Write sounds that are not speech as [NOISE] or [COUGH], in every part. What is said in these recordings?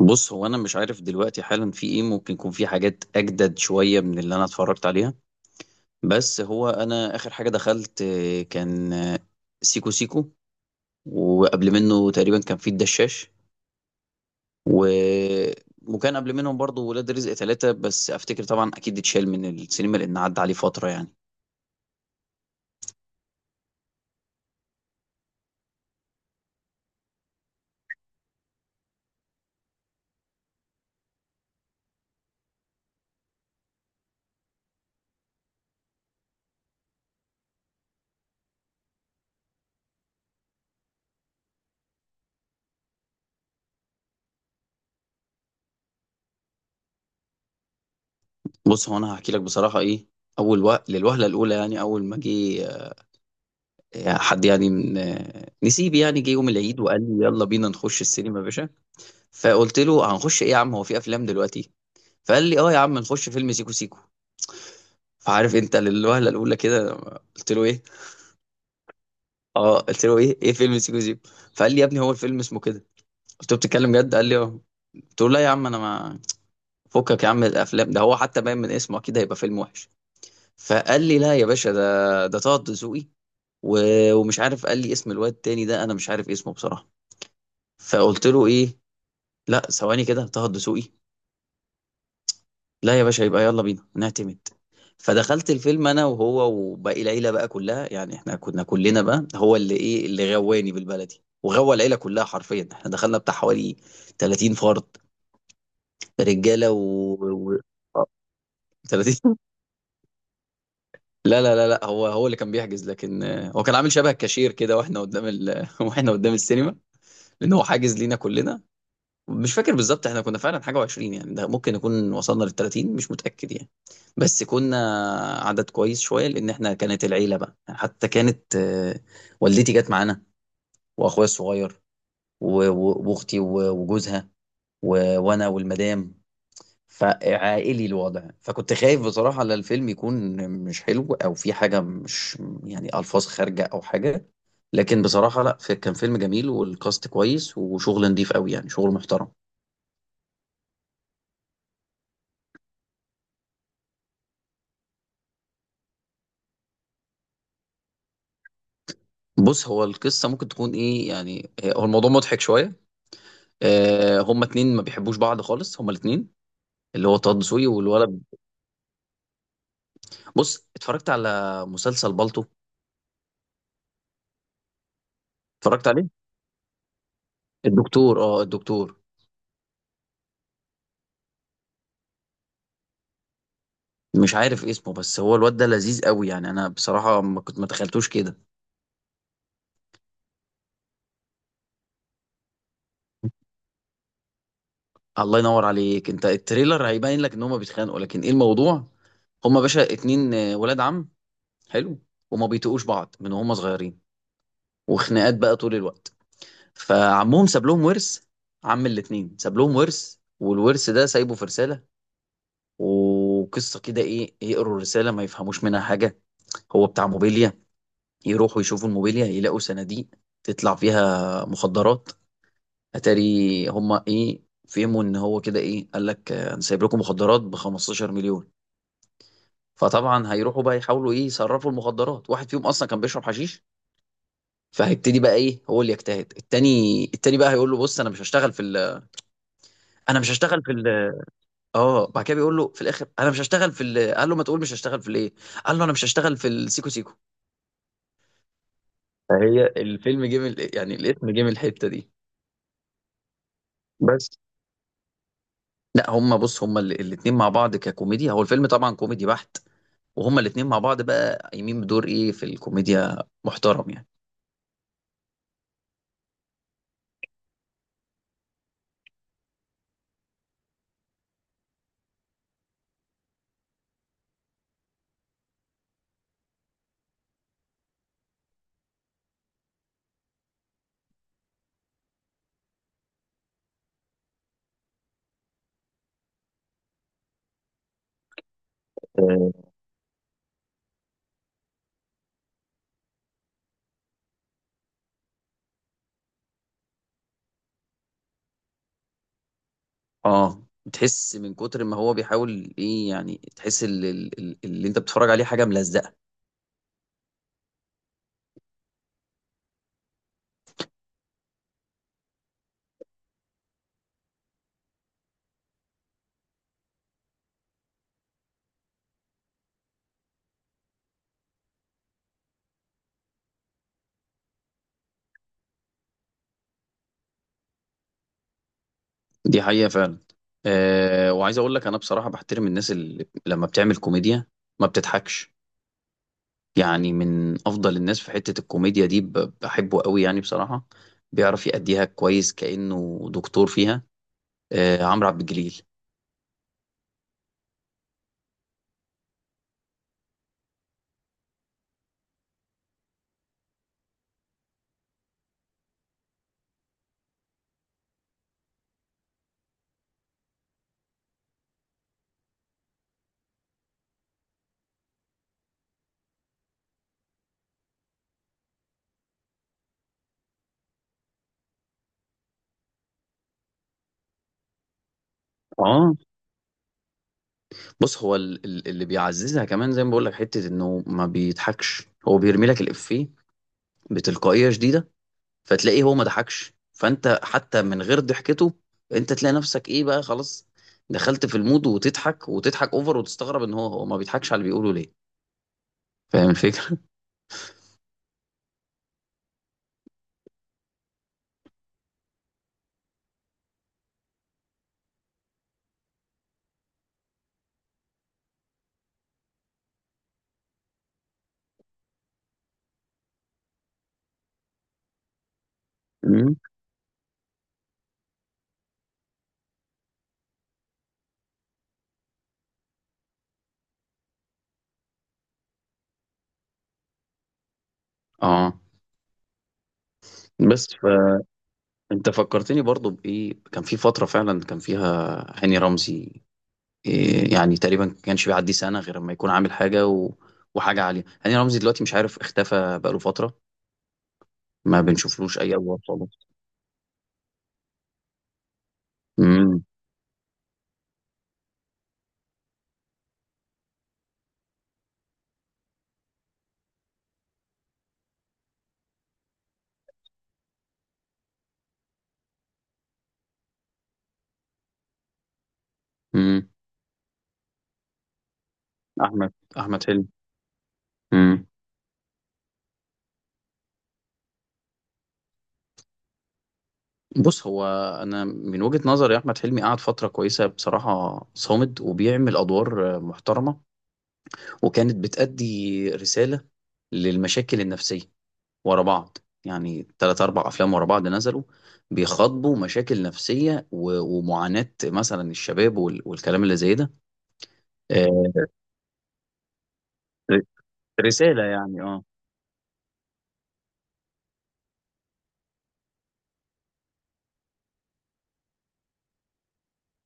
بص هو انا مش عارف دلوقتي حالا في ايه، ممكن يكون في حاجات اجدد شويه من اللي انا اتفرجت عليها. بس هو انا اخر حاجه دخلت كان سيكو سيكو، وقبل منه تقريبا كان في الدشاش و... وكان قبل منهم برضو ولاد رزق ثلاثة، بس افتكر طبعا اكيد اتشال من السينما لان عدى عليه فتره يعني. بص هو انا هحكي لك بصراحه ايه. اول وقت للوهله الاولى يعني اول ما جه حد يعني من نسيبي، يعني جه يوم العيد وقال لي يلا بينا نخش السينما يا باشا. فقلت له هنخش ايه يا عم؟ هو في افلام دلوقتي؟ فقال لي اه يا عم نخش فيلم سيكو سيكو. فعارف انت للوهله الاولى كده قلت له ايه. اه قلت له ايه ايه فيلم سيكو سيكو. فقال لي يا ابني هو الفيلم اسمه كده. قلت له بتتكلم جد؟ قال لي اه. قلت له لا يا عم انا ما فكك يا عم من الافلام ده، هو حتى باين من اسمه اكيد هيبقى فيلم وحش. فقال لي لا يا باشا ده طه دسوقي و- ومش عارف، قال لي اسم الواد التاني ده انا مش عارف اسمه بصراحه. فقلت له ايه؟ لا ثواني كده، طه الدسوقي؟ لا يا باشا يبقى يلا بينا نعتمد. فدخلت الفيلم انا وهو وباقي العيله بقى كلها، يعني احنا كنا كلنا بقى هو اللي ايه، اللي غواني بالبلدي وغوى العيله كلها حرفيا. احنا دخلنا بتاع حوالي 30 فرد رجاله و... آه، 30 [LAUGHS] لا لا لا لا، هو اللي كان بيحجز. لكن هو كان عامل شبه كاشير كده واحنا قدام [LAUGHS] واحنا قدام السينما لان هو حاجز لينا كلنا. مش فاكر بالظبط، احنا كنا فعلا حاجة وعشرين يعني، ده ممكن نكون وصلنا للتلاتين، مش متأكد يعني. بس كنا عدد كويس شوية، لأن احنا كانت العيلة بقى يعني، حتى كانت والدتي جت معانا، وأخويا الصغير و- و- وأختي و- وجوزها و- وأنا والمدام. فعائلي الوضع، فكنت خايف بصراحة على الفيلم يكون مش حلو أو في حاجة مش، يعني ألفاظ خارجة أو حاجة. لكن بصراحة لا، كان فيلم جميل والكاست كويس وشغل نضيف قوي يعني شغل محترم. بص هو القصة ممكن تكون ايه يعني، هو الموضوع مضحك شوية. آه هما اتنين ما بيحبوش بعض خالص، هما الاتنين اللي هو طه دسوقي والولد. بص اتفرجت على مسلسل بالطو. اتفرجت عليه الدكتور، اه الدكتور مش عارف اسمه، بس هو الواد ده لذيذ قوي يعني، انا بصراحة ما كنت ما تخيلتوش كده. الله ينور عليك، انت التريلر هيبين لك ان هما بيتخانقوا، لكن ايه الموضوع؟ هما باشا اتنين ولاد عم، حلو، وما بيتقوش بعض من هما صغيرين، وخناقات بقى طول الوقت. فعمهم ساب لهم ورث، عم الاتنين ساب لهم ورث، والورث ده سايبه في رسالة. وقصة كده ايه، يقروا الرسالة ما يفهموش منها حاجة. هو بتاع موبيليا، يروحوا يشوفوا الموبيليا يلاقوا صناديق تطلع فيها مخدرات. اتاري هما ايه، فهموا ان هو كده، ايه قال لك انا سايب لكم مخدرات ب 15 مليون. فطبعا هيروحوا بقى يحاولوا ايه، يصرفوا المخدرات. واحد فيهم اصلا كان بيشرب حشيش، فهيبتدي بقى ايه، هو اللي يجتهد. التاني التاني بقى هيقول له بص انا مش هشتغل في انا مش هشتغل في اه بعد كده بيقول له في الاخر انا مش هشتغل في قال له ما تقول مش هشتغل في الايه. قال له انا مش هشتغل في السيكو سيكو. فهي الفيلم جه من، يعني الاسم جه من الحته دي. بس لا هما بص هما ال- الاتنين مع بعض ككوميديا، هو الفيلم طبعا كوميدي بحت، وهما الاتنين مع بعض بقى قايمين بدور ايه في الكوميديا، محترم يعني. اه آه، تحس من كتر ما هو بيحاول ايه يعني، تحس اللي انت بتتفرج عليه حاجه ملزقه. دي حقيقة فعلا. أه وعايز اقول لك انا بصراحة بحترم الناس اللي لما بتعمل كوميديا ما بتضحكش. يعني من افضل الناس في حتة الكوميديا دي، ب- بحبه قوي يعني بصراحة. بيعرف يأديها كويس كأنه دكتور فيها. أه عمرو عبد الجليل. اه بص هو ال- ال- اللي بيعززها كمان زي ما بقول لك حتة انه ما بيضحكش، هو بيرمي لك الإفيه بتلقائية شديدة. فتلاقيه هو ما ضحكش، فانت حتى من غير ضحكته انت تلاقي نفسك ايه بقى، خلاص دخلت في المود وتضحك وتضحك اوفر، وتستغرب ان هو هو ما بيضحكش على اللي بيقوله ليه. فاهم الفكرة. [LAUGHS] مم. اه. بس فانت فكرتني برضو بايه، كان في فترة فعلا كان فيها هاني رمزي، إيه يعني تقريبا ما كانش بيعدي سنة غير لما يكون عامل حاجة وحاجة عالية. هاني رمزي دلوقتي مش عارف اختفى بقاله فترة، ما بنشوفلوش اي ادوار خالص. امم امم احمد، احمد حلمي. امم بُص، هو أنا من وجهة نظري أحمد حلمي قعد فترة كويسة بصراحة صامد، وبيعمل أدوار محترمة، وكانت بتأدي رسالة للمشاكل النفسية ورا بعض، يعني 3، 4 أفلام ورا بعض نزلوا بيخاطبوا مشاكل نفسية و ومعاناة مثلًا الشباب وال والكلام اللي زي ده، آآ ر رسالة يعني.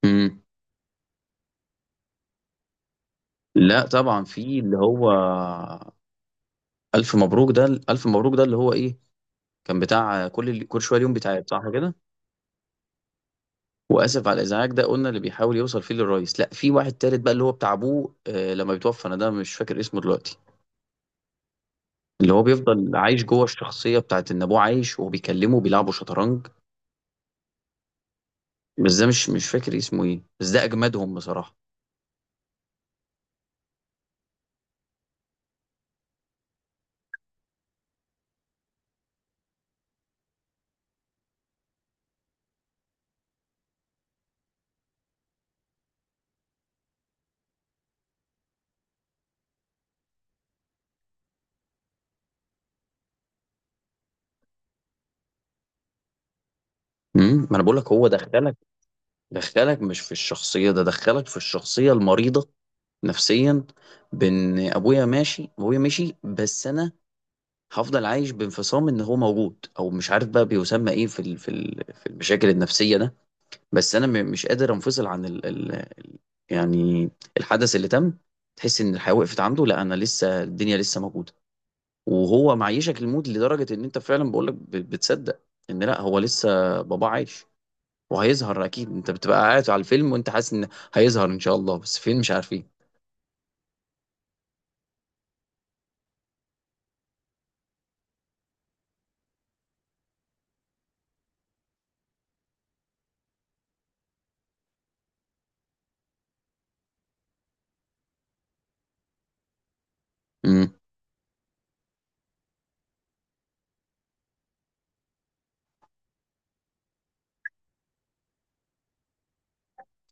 إمم، لأ طبعًا في اللي هو ألف مبروك. ده ألف مبروك ده اللي هو إيه، كان بتاع كل شوية ليهم بيتعاد، صح كده؟ واسف على الازعاج ده قلنا اللي بيحاول يوصل فيه للرئيس. لا في واحد تالت بقى اللي هو بتاع ابوه لما بيتوفى، انا ده مش فاكر اسمه دلوقتي. اللي هو بيفضل عايش جوه الشخصيه بتاعت ان ابوه عايش وهو بيكلمه بيلعبوا شطرنج. بس ده مش فاكر اسمه ايه، بس ده اجمدهم بصراحه. ما انا بقول لك، هو دخلك مش في الشخصيه ده، دخلك في الشخصيه المريضه نفسيا. بان ابويا ماشي، ابويا مشي بس انا هفضل عايش بانفصام ان هو موجود، او مش عارف بقى بيسمى ايه في المشاكل النفسيه ده، بس انا مش قادر انفصل عن يعني الحدث اللي تم. تحس ان الحياة وقفت عنده، لا انا لسه، الدنيا لسه موجودة. وهو معيشك الموت لدرجة ان انت فعلا بقولك بتصدق ان لا هو لسه بابا عايش وهيظهر اكيد، انت بتبقى قاعد على الفيلم وانت حاسس ان هيظهر ان شاء الله بس فين، مش عارفين. امم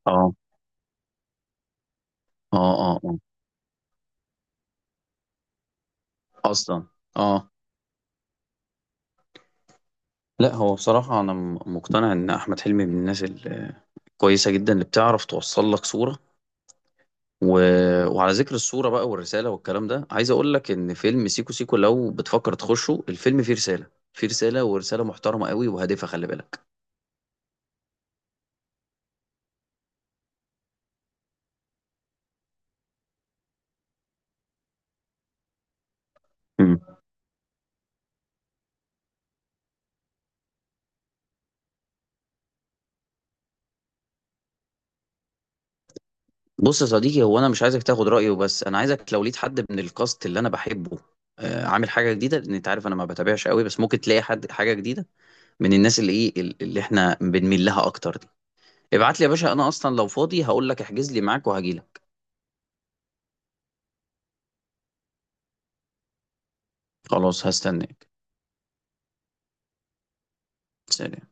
اه اه اه اه اصلا. اه لا هو بصراحة أنا مقتنع إن أحمد حلمي من الناس الكويسة جدا اللي بتعرف توصل لك صورة و... وعلى ذكر الصورة بقى والرسالة والكلام ده، عايز أقول لك إن فيلم سيكو سيكو لو بتفكر تخشه، الفيلم فيه رسالة، ورسالة محترمة قوي وهادفة، خلي بالك. مم. بص يا صديقي، هو أنا مش عايزك تاخد رأيه، بس أنا عايزك لو لقيت حد من الكاست اللي أنا بحبه عامل حاجة جديدة، لأن أنت عارف أنا ما بتابعش قوي، بس ممكن تلاقي حد حاجة جديدة من الناس اللي إيه اللي إحنا بنميل لها أكتر دي. ابعت لي يا باشا، أنا أصلا لو فاضي هقول لك احجز لي معاك وهجيلك. خلاص هستناك. سلام.